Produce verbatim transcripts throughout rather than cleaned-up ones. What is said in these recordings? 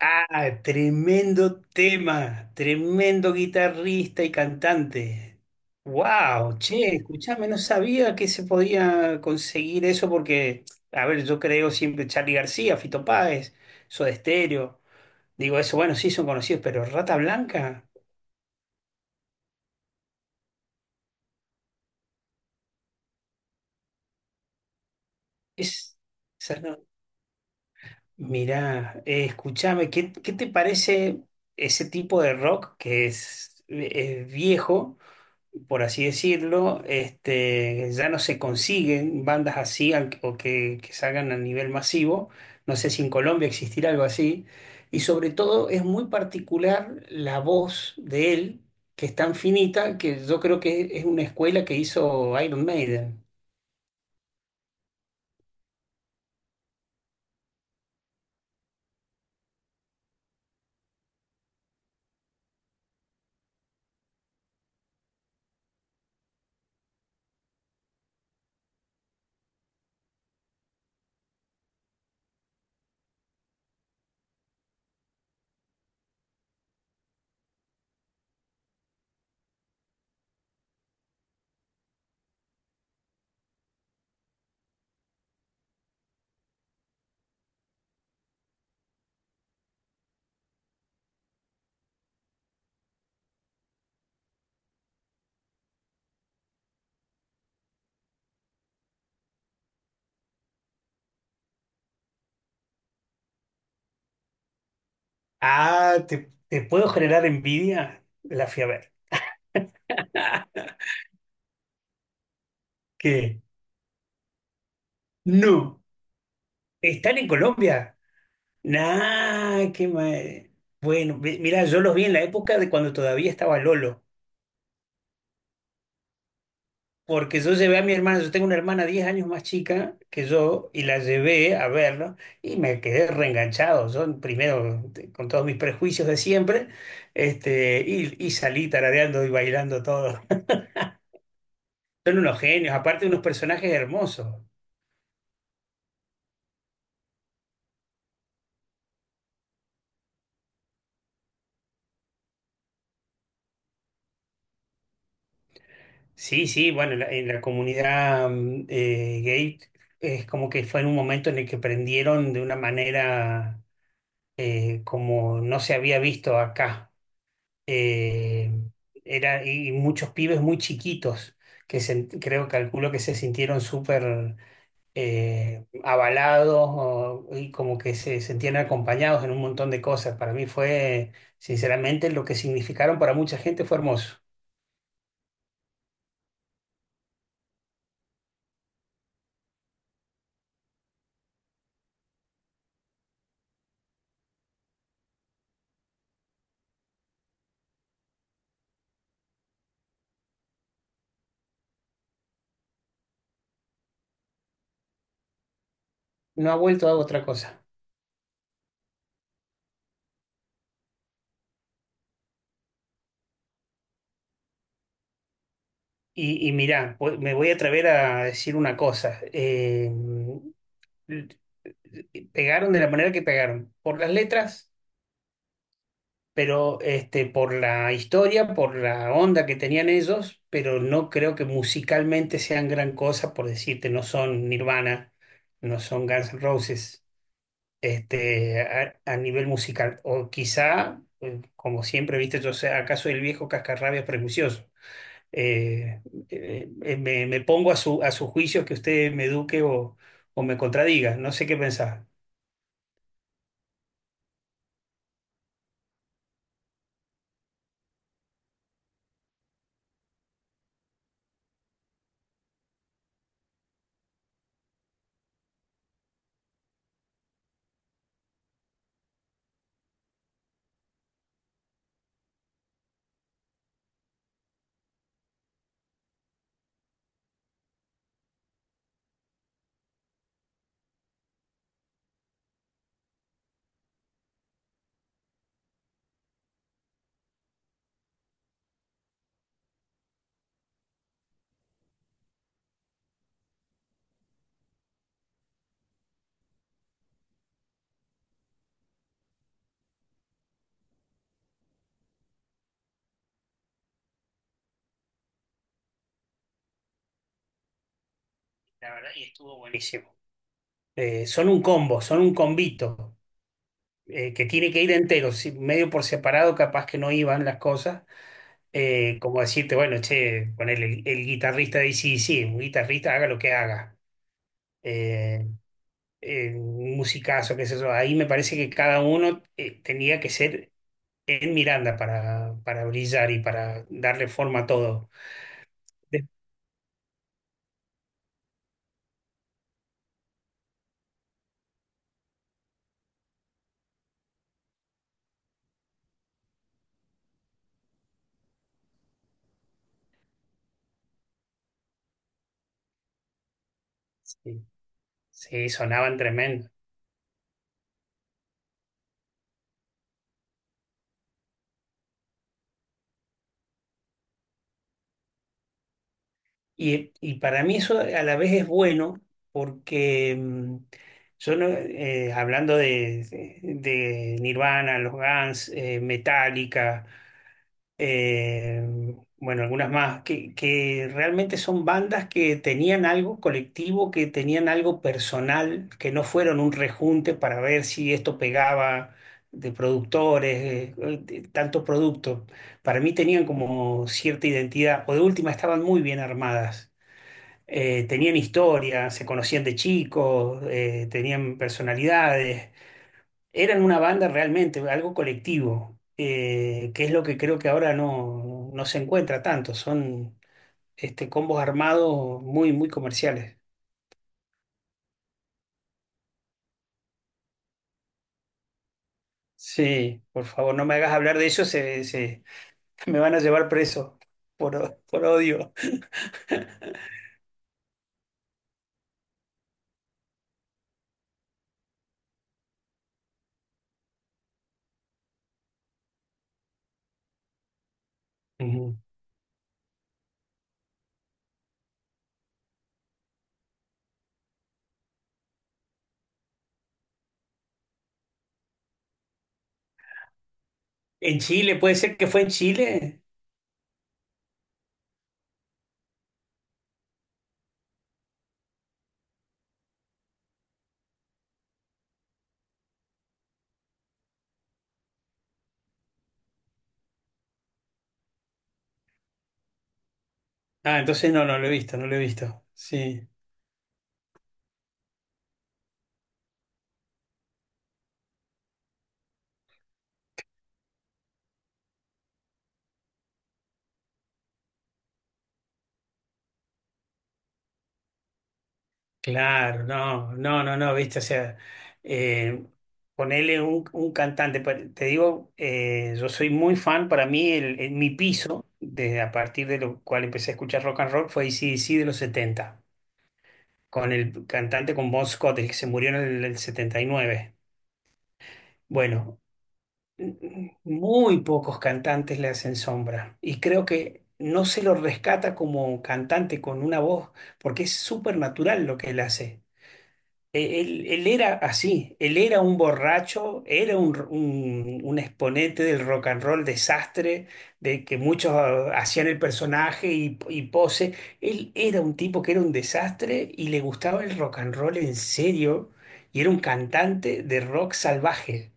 Ah, tremendo tema, tremendo guitarrista y cantante. Wow, che, escuchame, no sabía que se podía conseguir eso porque, a ver, yo creo siempre Charly García, Fito Páez, Soda Stereo. Digo, eso, bueno, sí son conocidos, pero Rata Blanca es. Esa no- Mirá, eh, escuchame, ¿qué, qué te parece ese tipo de rock que es, eh, ¿es viejo? Por así decirlo, este, ya no se consiguen bandas así al- o que, que salgan a nivel masivo. No sé si en Colombia existirá algo así. Y sobre todo es muy particular la voz de él, que es tan finita que yo creo que es una escuela que hizo Iron Maiden. Ah, ¿te, te puedo generar envidia? La fui a ver. ¿Qué? No. ¿Están en Colombia? Nah, qué mal. Bueno, mi- mirá, yo los vi en la época de cuando todavía estaba Lolo. Porque yo llevé a mi hermana, yo tengo una hermana diez años más chica que yo, y la llevé a verlo, y me quedé reenganchado. Yo, primero, te- con todos mis prejuicios de siempre, este, y, y salí tarareando y bailando todo. Son unos genios, aparte unos personajes hermosos. Sí, sí, bueno, en la, en la comunidad mm, eh, gay es como que fue en un momento en el que prendieron de una manera eh, como no se había visto acá. eh, era, y muchos pibes muy chiquitos que se- creo, calculo que se sintieron súper eh, avalados o- y como que se sentían acompañados en un montón de cosas. Para mí fue, sinceramente, lo que significaron para mucha gente fue hermoso. No ha vuelto a otra cosa. Y, y mirá, voy- me voy a atrever a decir una cosa. eh, pegaron de la manera que pegaron, por las letras, pero este, por la historia, por la onda que tenían ellos, pero no creo que musicalmente sean gran cosa, por decirte, no son Nirvana, no son Guns N' Roses, este, a, a nivel musical. O quizá, eh, como siempre, viste, yo sé, acaso el viejo cascarrabias prejuicioso. Eh, eh, eh, me, me pongo a su, a su juicio que usted me eduque o, o me contradiga, no sé qué pensar. La verdad, y estuvo buenísimo. Eh, son un combo, son un combito. Eh, que tiene que ir entero, si- medio por separado, capaz que no iban las cosas. Eh, como decirte, bueno, che, ponerle el, el guitarrista de ac un guitarrista haga lo que haga. Eh, eh, un musicazo, qué sé yo. Ahí me parece que cada uno eh, tenía que ser en Miranda para, para brillar y para darle forma a todo. De- Sí, sí, sonaban tremendo. Y, y para mí eso a la vez es bueno porque mm, yo no- eh, hablando de, de Nirvana, los Guns, eh, Metallica, eh, bueno, algunas más, que, que realmente son bandas que tenían algo colectivo, que tenían algo personal, que no fueron un rejunte para ver si esto pegaba de productores, eh, eh, de tanto producto. Para mí tenían como cierta identidad, o de última estaban muy bien armadas, eh, tenían historia, se conocían de chicos, eh, tenían personalidades, eran una banda realmente, algo colectivo, eh, que es lo que creo que ahora no, no se encuentra tanto, son este, combos armados muy, muy comerciales. Sí, por favor, no me hagas hablar de eso, se, se- me van a llevar preso por, por odio. Ujú. En Chile, puede ser que fue en Chile. Ah, entonces no, no lo he visto, no lo he visto. Sí. Claro, no, no, no, no, viste, o sea, eh, ponele un, un cantante, pa- te digo, eh, yo soy muy fan, para mí el, el- mi piso, desde a partir de lo cual empecé a escuchar rock and roll, fue ac de los setenta, con el cantante con Bon Scott, el que se murió en el, el setenta y nueve. Bueno, n- n- muy pocos cantantes le hacen sombra y creo que no se lo rescata como cantante con una voz, porque es súper natural lo que él hace. Eh, Él, él era así, él era un borracho, era un, un- un exponente del rock and roll desastre, de que muchos ah, hacían el personaje y, y pose. Él era un tipo que era un desastre y le gustaba el rock and roll en serio y era un cantante de rock salvaje.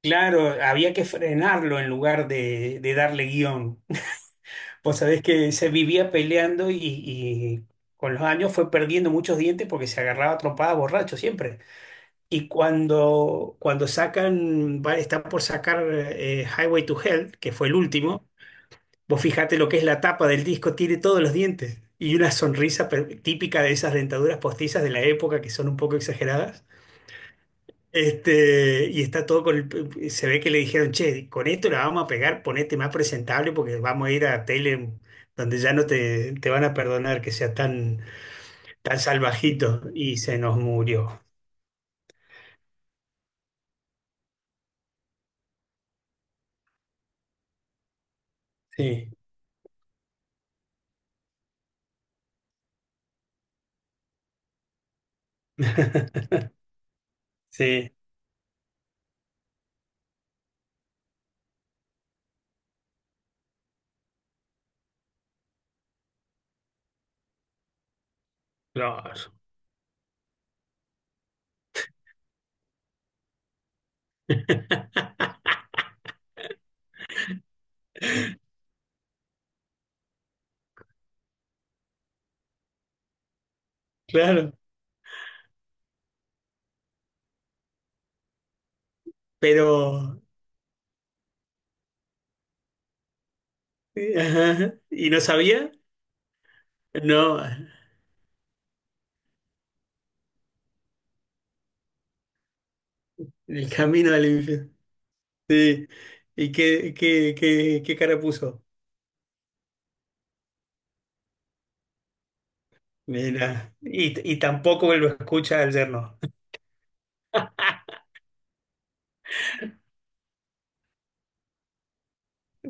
Claro, había que frenarlo en lugar de, de darle guión. Vos sabés que se vivía peleando y, y con los años fue perdiendo muchos dientes porque se agarraba a trompadas borracho siempre. Y cuando, cuando sacan, va- está por sacar eh, Highway to Hell, que fue el último, vos fijate lo que es la tapa del disco, tiene todos los dientes y una sonrisa per- típica de esas dentaduras postizas de la época que son un poco exageradas. Este, y está todo con el- se ve que le dijeron, che, con esto la vamos a pegar, ponete más presentable porque vamos a ir a tele donde ya no te, te van a perdonar que sea tan, tan salvajito. Y se nos murió. Sí, sí, claro. Claro, pero... eh, ajá, ¿Y no sabía? No, el camino al infierno. Sí. ¿Y qué, qué, qué, qué cara puso? Mira, y, y tampoco lo escucha al yerno.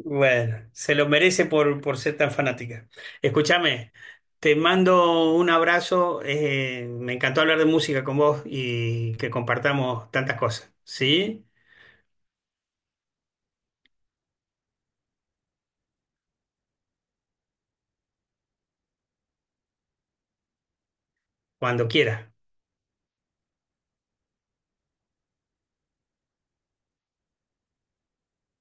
Bueno, se lo merece por, por ser tan fanática. Escúchame, te mando un abrazo. eh, me encantó hablar de música con vos y que compartamos tantas cosas. ¿Sí? Cuando quieras.